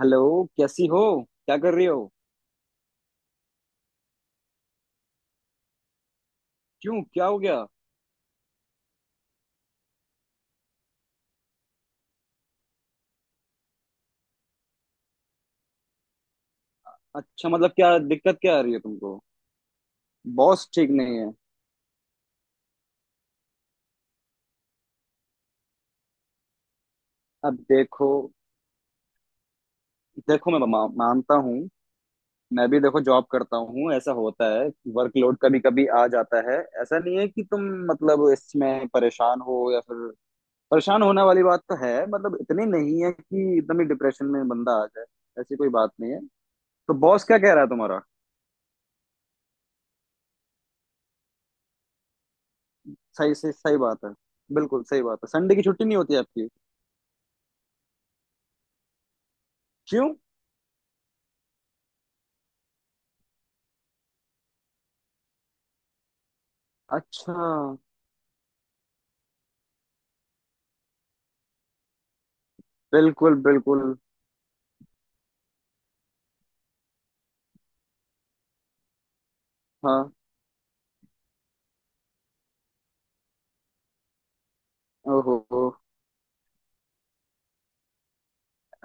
Hello. कैसी हो? क्या कर रही हो? क्यों, क्या हो गया? अच्छा, मतलब क्या दिक्कत क्या आ रही है तुमको? बॉस ठीक नहीं है? अब देखो, देखो मैं मानता हूँ। मैं भी देखो जॉब करता हूँ, ऐसा होता है। वर्कलोड कभी कभी आ जाता है। ऐसा नहीं है कि तुम मतलब इसमें परेशान हो या फिर, परेशान होने वाली बात तो है, मतलब इतनी नहीं है कि एकदम ही डिप्रेशन में बंदा आ जाए। ऐसी कोई बात नहीं है। तो बॉस क्या कह रहा है तुम्हारा? सही सही सही बात है। बिल्कुल सही बात है। संडे की छुट्टी नहीं होती आपकी? क्यों? अच्छा। बिल्कुल बिल्कुल। हाँ। ओहो।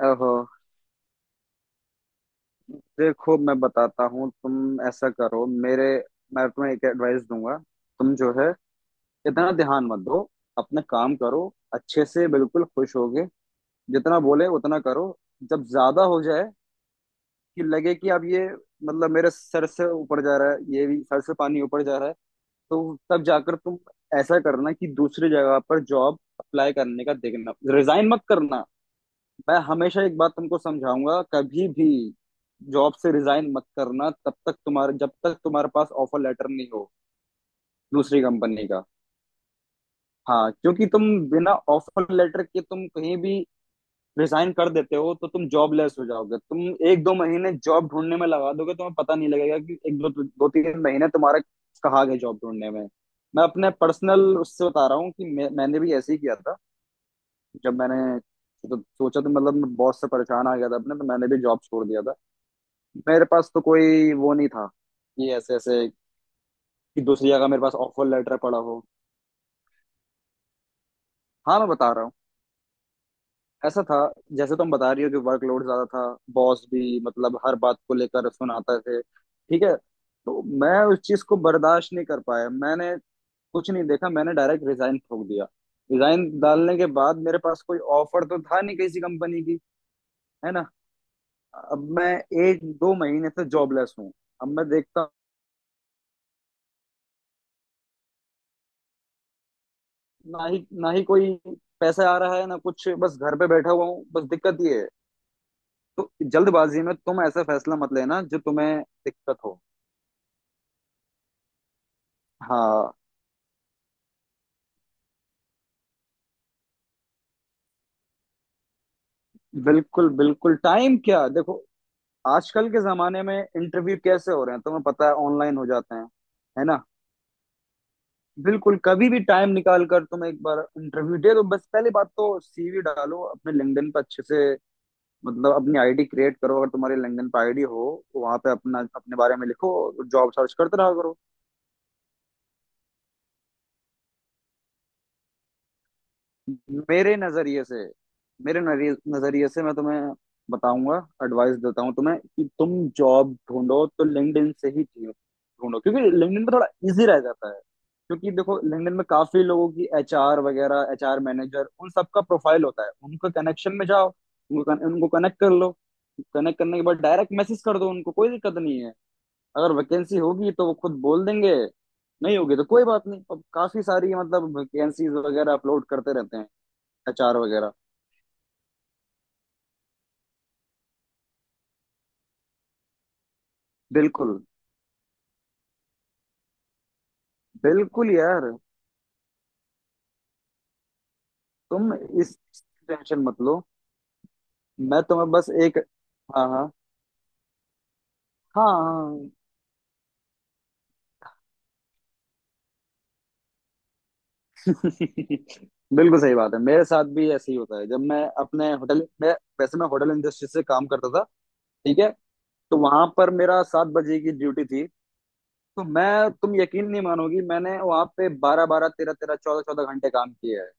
ओहो। देखो मैं बताता हूँ, तुम ऐसा करो, मेरे, मैं तुम्हें एक एडवाइस दूंगा। तुम जो है इतना ध्यान मत दो, अपना काम करो अच्छे से, बिल्कुल खुश होगे। जितना बोले उतना करो। जब ज्यादा हो जाए कि लगे कि अब ये मतलब मेरे सर से ऊपर जा रहा है, ये भी सर से पानी ऊपर जा रहा है, तो तब जाकर तुम ऐसा करना कि दूसरी जगह पर जॉब अप्लाई करने का देखना। रिजाइन मत करना। मैं हमेशा एक बात तुमको समझाऊंगा, कभी भी जॉब से रिजाइन मत करना तब तक तुम्हारे, जब तक तुम्हारे पास ऑफर लेटर नहीं हो दूसरी कंपनी का। हाँ क्योंकि तुम बिना ऑफर लेटर के तुम कहीं भी रिजाइन कर देते हो तो तुम जॉबलेस हो जाओगे। तुम एक दो महीने जॉब ढूंढने में लगा दोगे, तुम्हें पता नहीं लगेगा कि एक दो दो तीन महीने तुम्हारा कहाँ गए जॉब ढूंढने में। मैं अपने पर्सनल उससे बता रहा हूँ कि मैंने भी ऐसे ही किया था। जब मैंने तो सोचा तो मतलब मैं बहुत से परेशान आ गया था अपने, तो मैंने भी जॉब छोड़ दिया था। मेरे पास तो कोई वो नहीं था कि ऐसे ऐसे कि दूसरी जगह मेरे पास ऑफर लेटर पड़ा हो। हाँ मैं बता रहा हूँ। ऐसा था जैसे तुम बता रही हो कि वर्कलोड ज्यादा था, बॉस भी मतलब हर बात को लेकर सुनाते थे, ठीक है, तो मैं उस चीज को बर्दाश्त नहीं कर पाया। मैंने कुछ नहीं देखा, मैंने डायरेक्ट रिजाइन ठोक दिया। रिजाइन डालने के बाद मेरे पास कोई ऑफर तो था नहीं किसी कंपनी की, है ना। अब मैं एक दो महीने से जॉबलेस हूँ। अब मैं देखता, ना ही कोई पैसा आ रहा है ना कुछ, बस घर पे बैठा हुआ हूँ, बस दिक्कत ये है। तो जल्दबाजी में तुम ऐसा फैसला मत लेना जो तुम्हें दिक्कत हो। हाँ बिल्कुल बिल्कुल। टाइम क्या, देखो आजकल के जमाने में इंटरव्यू कैसे हो रहे हैं तुम्हें पता है? ऑनलाइन हो जाते हैं, है ना। बिल्कुल कभी भी टाइम निकाल कर तुम एक बार इंटरव्यू दे दो। बस पहली बात तो सीवी डालो अपने लिंक्डइन पर अच्छे से, मतलब अपनी आईडी क्रिएट करो, अगर तुम्हारे लिंक्डइन पर आईडी हो वहां पे अपना अपने बारे में लिखो, जॉब सर्च करते रहा करो। मेरे नजरिए से, मेरे नजरिए से मैं तुम्हें बताऊंगा, एडवाइस देता हूँ तुम्हें कि तुम जॉब ढूंढो तो लिंक्डइन से ही ढूंढो, क्योंकि लिंक्डइन पे थोड़ा इजी रह जाता है। क्योंकि देखो लिंक्डइन में काफी लोगों की एचआर वगैरह एचआर मैनेजर उन सबका प्रोफाइल होता है, उनका कनेक्शन में जाओ, उनको कनेक्ट कर लो। कनेक्ट करने के बाद डायरेक्ट मैसेज कर दो उनको, कोई दिक्कत नहीं है। अगर वैकेंसी होगी तो वो खुद बोल देंगे, नहीं होगी तो कोई बात नहीं। अब काफी सारी मतलब वैकेंसीज वगैरह अपलोड करते रहते हैं, अचार वगैरह। बिल्कुल बिल्कुल यार। तुम इस टेंशन मत लो। मैं तुम्हें बस एक, हाँ हाँ। हाँ बिल्कुल सही बात है, मेरे साथ भी ऐसे ही होता है जब मैं अपने होटल मैं, वैसे मैं होटल इंडस्ट्री से काम करता था, ठीक है, तो वहां पर मेरा 7 बजे की ड्यूटी थी। तो मैं, तुम यकीन नहीं मानोगी, मैंने वहां पे 12 12 13 13 14 14 घंटे काम किए है।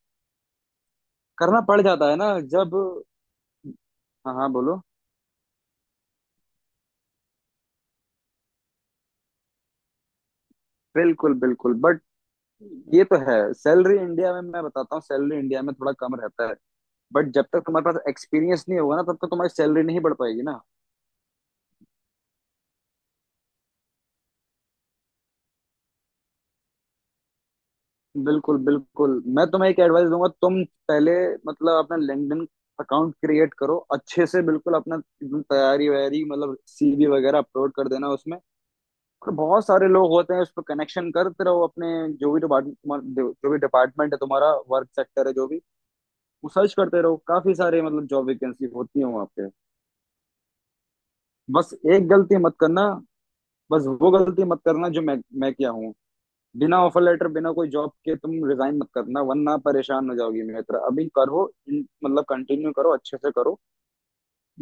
करना पड़ जाता है ना जब। हाँ हाँ बोलो। बिल्कुल बिल्कुल बट ये तो है। सैलरी इंडिया में मैं बताता हूँ, सैलरी इंडिया में थोड़ा कम रहता है। बट जब तक तुम्हारे पास एक्सपीरियंस नहीं होगा ना, तब तक तुम्हारी सैलरी नहीं बढ़ पाएगी ना। बिल्कुल बिल्कुल। मैं तुम्हें एक एडवाइस दूंगा, तुम पहले मतलब अपना लिंक्डइन अकाउंट क्रिएट करो अच्छे से बिल्कुल। अपना एकदम तैयारी वैयारी मतलब सीवी वगैरह अपलोड कर देना उसमें, और बहुत सारे लोग होते हैं उस पर, कनेक्शन करते रहो अपने जो भी डिपार्टमेंट, जो भी डिपार्टमेंट है तुम्हारा वर्क सेक्टर है जो भी, वो सर्च करते रहो। काफी सारे मतलब जॉब वैकेंसी होती है वहाँ पे। बस एक गलती मत करना, बस वो गलती मत करना जो मैं किया हूँ। बिना ऑफर लेटर बिना कोई जॉब के तुम रिजाइन मत करना, वरना परेशान हो जाओगी मित्र। अभी करो मतलब कंटिन्यू करो अच्छे से करो।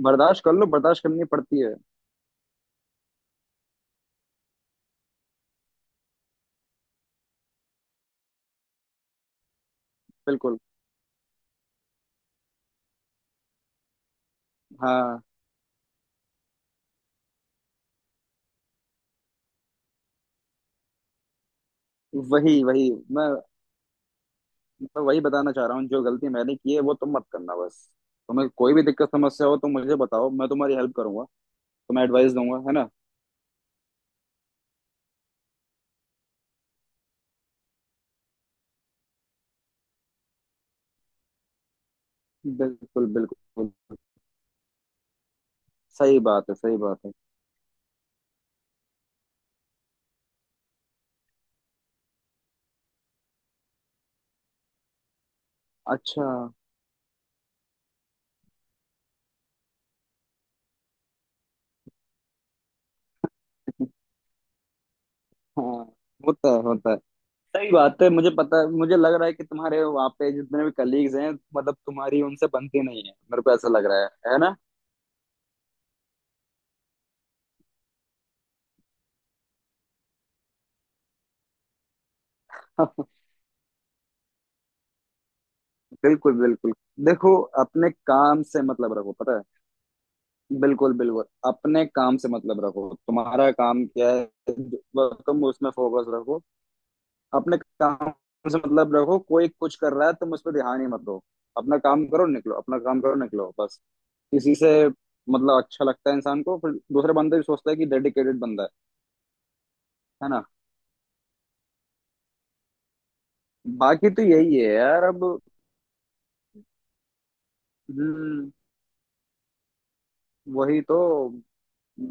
बर्दाश्त कर लो, बर्दाश्त करनी पड़ती है। बिल्कुल। हाँ। वही वही, मैं मैं वही बताना चाह रहा हूँ, जो गलती मैंने की है वो तुम मत करना बस। तुम्हें कोई भी दिक्कत समस्या हो तो मुझे बताओ, मैं तुम्हारी हेल्प करूंगा, तुम्हें एडवाइस दूंगा, है ना। बिल्कुल बिल्कुल। सही बात है सही बात है। अच्छा। हाँ होता है होता है। सही बात है, मुझे पता, मुझे लग रहा है कि तुम्हारे वहाँ पे जितने भी कलीग्स हैं मतलब तुम्हारी उनसे बनती नहीं है, मेरे को ऐसा लग रहा है ना। बिल्कुल बिल्कुल। देखो अपने काम से मतलब रखो, पता है। बिल्कुल बिल्कुल। अपने काम से मतलब रखो, तुम्हारा काम क्या है, तुम उसमें फोकस रखो, अपने काम से मतलब रखो। कोई कुछ कर रहा है तुम उस पर ध्यान ही मत दो। अपना काम करो निकलो, अपना काम करो निकलो बस। इसी से मतलब अच्छा लगता है इंसान को, फिर दूसरे बंदे भी सोचता है कि डेडिकेटेड बंदा है ना। बाकी तो यही है यार अब। हम्म वही तो,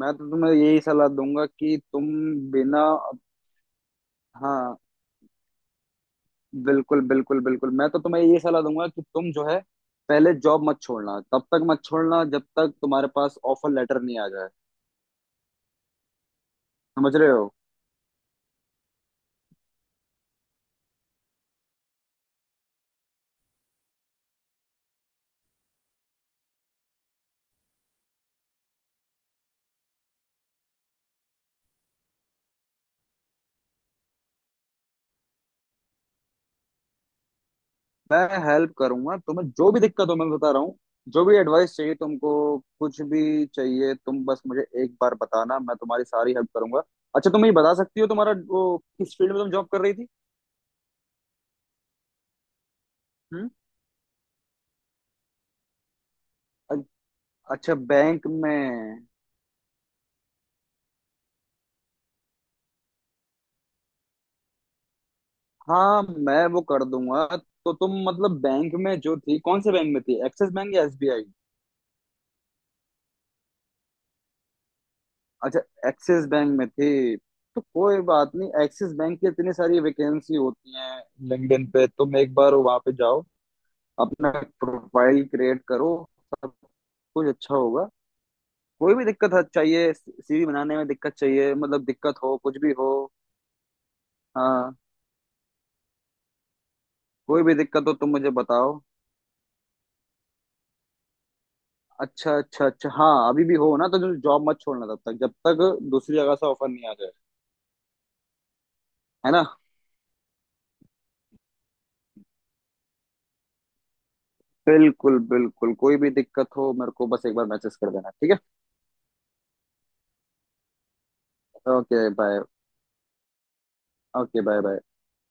मैं तो तुम्हें यही सलाह दूंगा कि तुम बिना, हाँ बिल्कुल बिल्कुल बिल्कुल। मैं तो तुम्हें यही सलाह दूंगा कि तुम जो है पहले जॉब मत छोड़ना, तब तक मत छोड़ना जब तक तुम्हारे पास ऑफर लेटर नहीं आ जाए। समझ रहे हो। मैं हेल्प करूंगा तुम्हें, जो भी दिक्कत हो मैं बता रहा हूँ, जो भी एडवाइस चाहिए तुमको, कुछ भी चाहिए तुम बस मुझे एक बार बताना, मैं तुम्हारी सारी हेल्प करूंगा। अच्छा तुम ये बता सकती हो तुम्हारा वो किस फील्ड में तुम जॉब कर रही थी? हम्म? अ- अच्छा बैंक में। हाँ मैं वो कर दूंगा। तो तुम मतलब बैंक में जो थी, कौन से बैंक में थी, एक्सिस बैंक या एसबीआई? अच्छा एक्सिस बैंक में थी। तो कोई बात नहीं, एक्सिस बैंक की इतनी सारी वैकेंसी होती हैं। लिंक्डइन पे तुम एक बार वहां पे जाओ, अपना प्रोफाइल क्रिएट करो, सब कुछ अच्छा होगा। कोई भी चाहिए, सीवी बनाने में दिक्कत चाहिए मतलब दिक्कत हो कुछ भी हो। हाँ, कोई भी दिक्कत हो तुम मुझे बताओ। अच्छा अच्छा अच्छा। हाँ अभी भी हो ना तो जॉब मत छोड़ना, तब तक जब तक दूसरी जगह से ऑफर नहीं आ जाए, है ना। बिल्कुल बिल्कुल, कोई भी दिक्कत हो मेरे को बस एक बार मैसेज कर देना, ठीक है। Okay bye. Okay bye bye.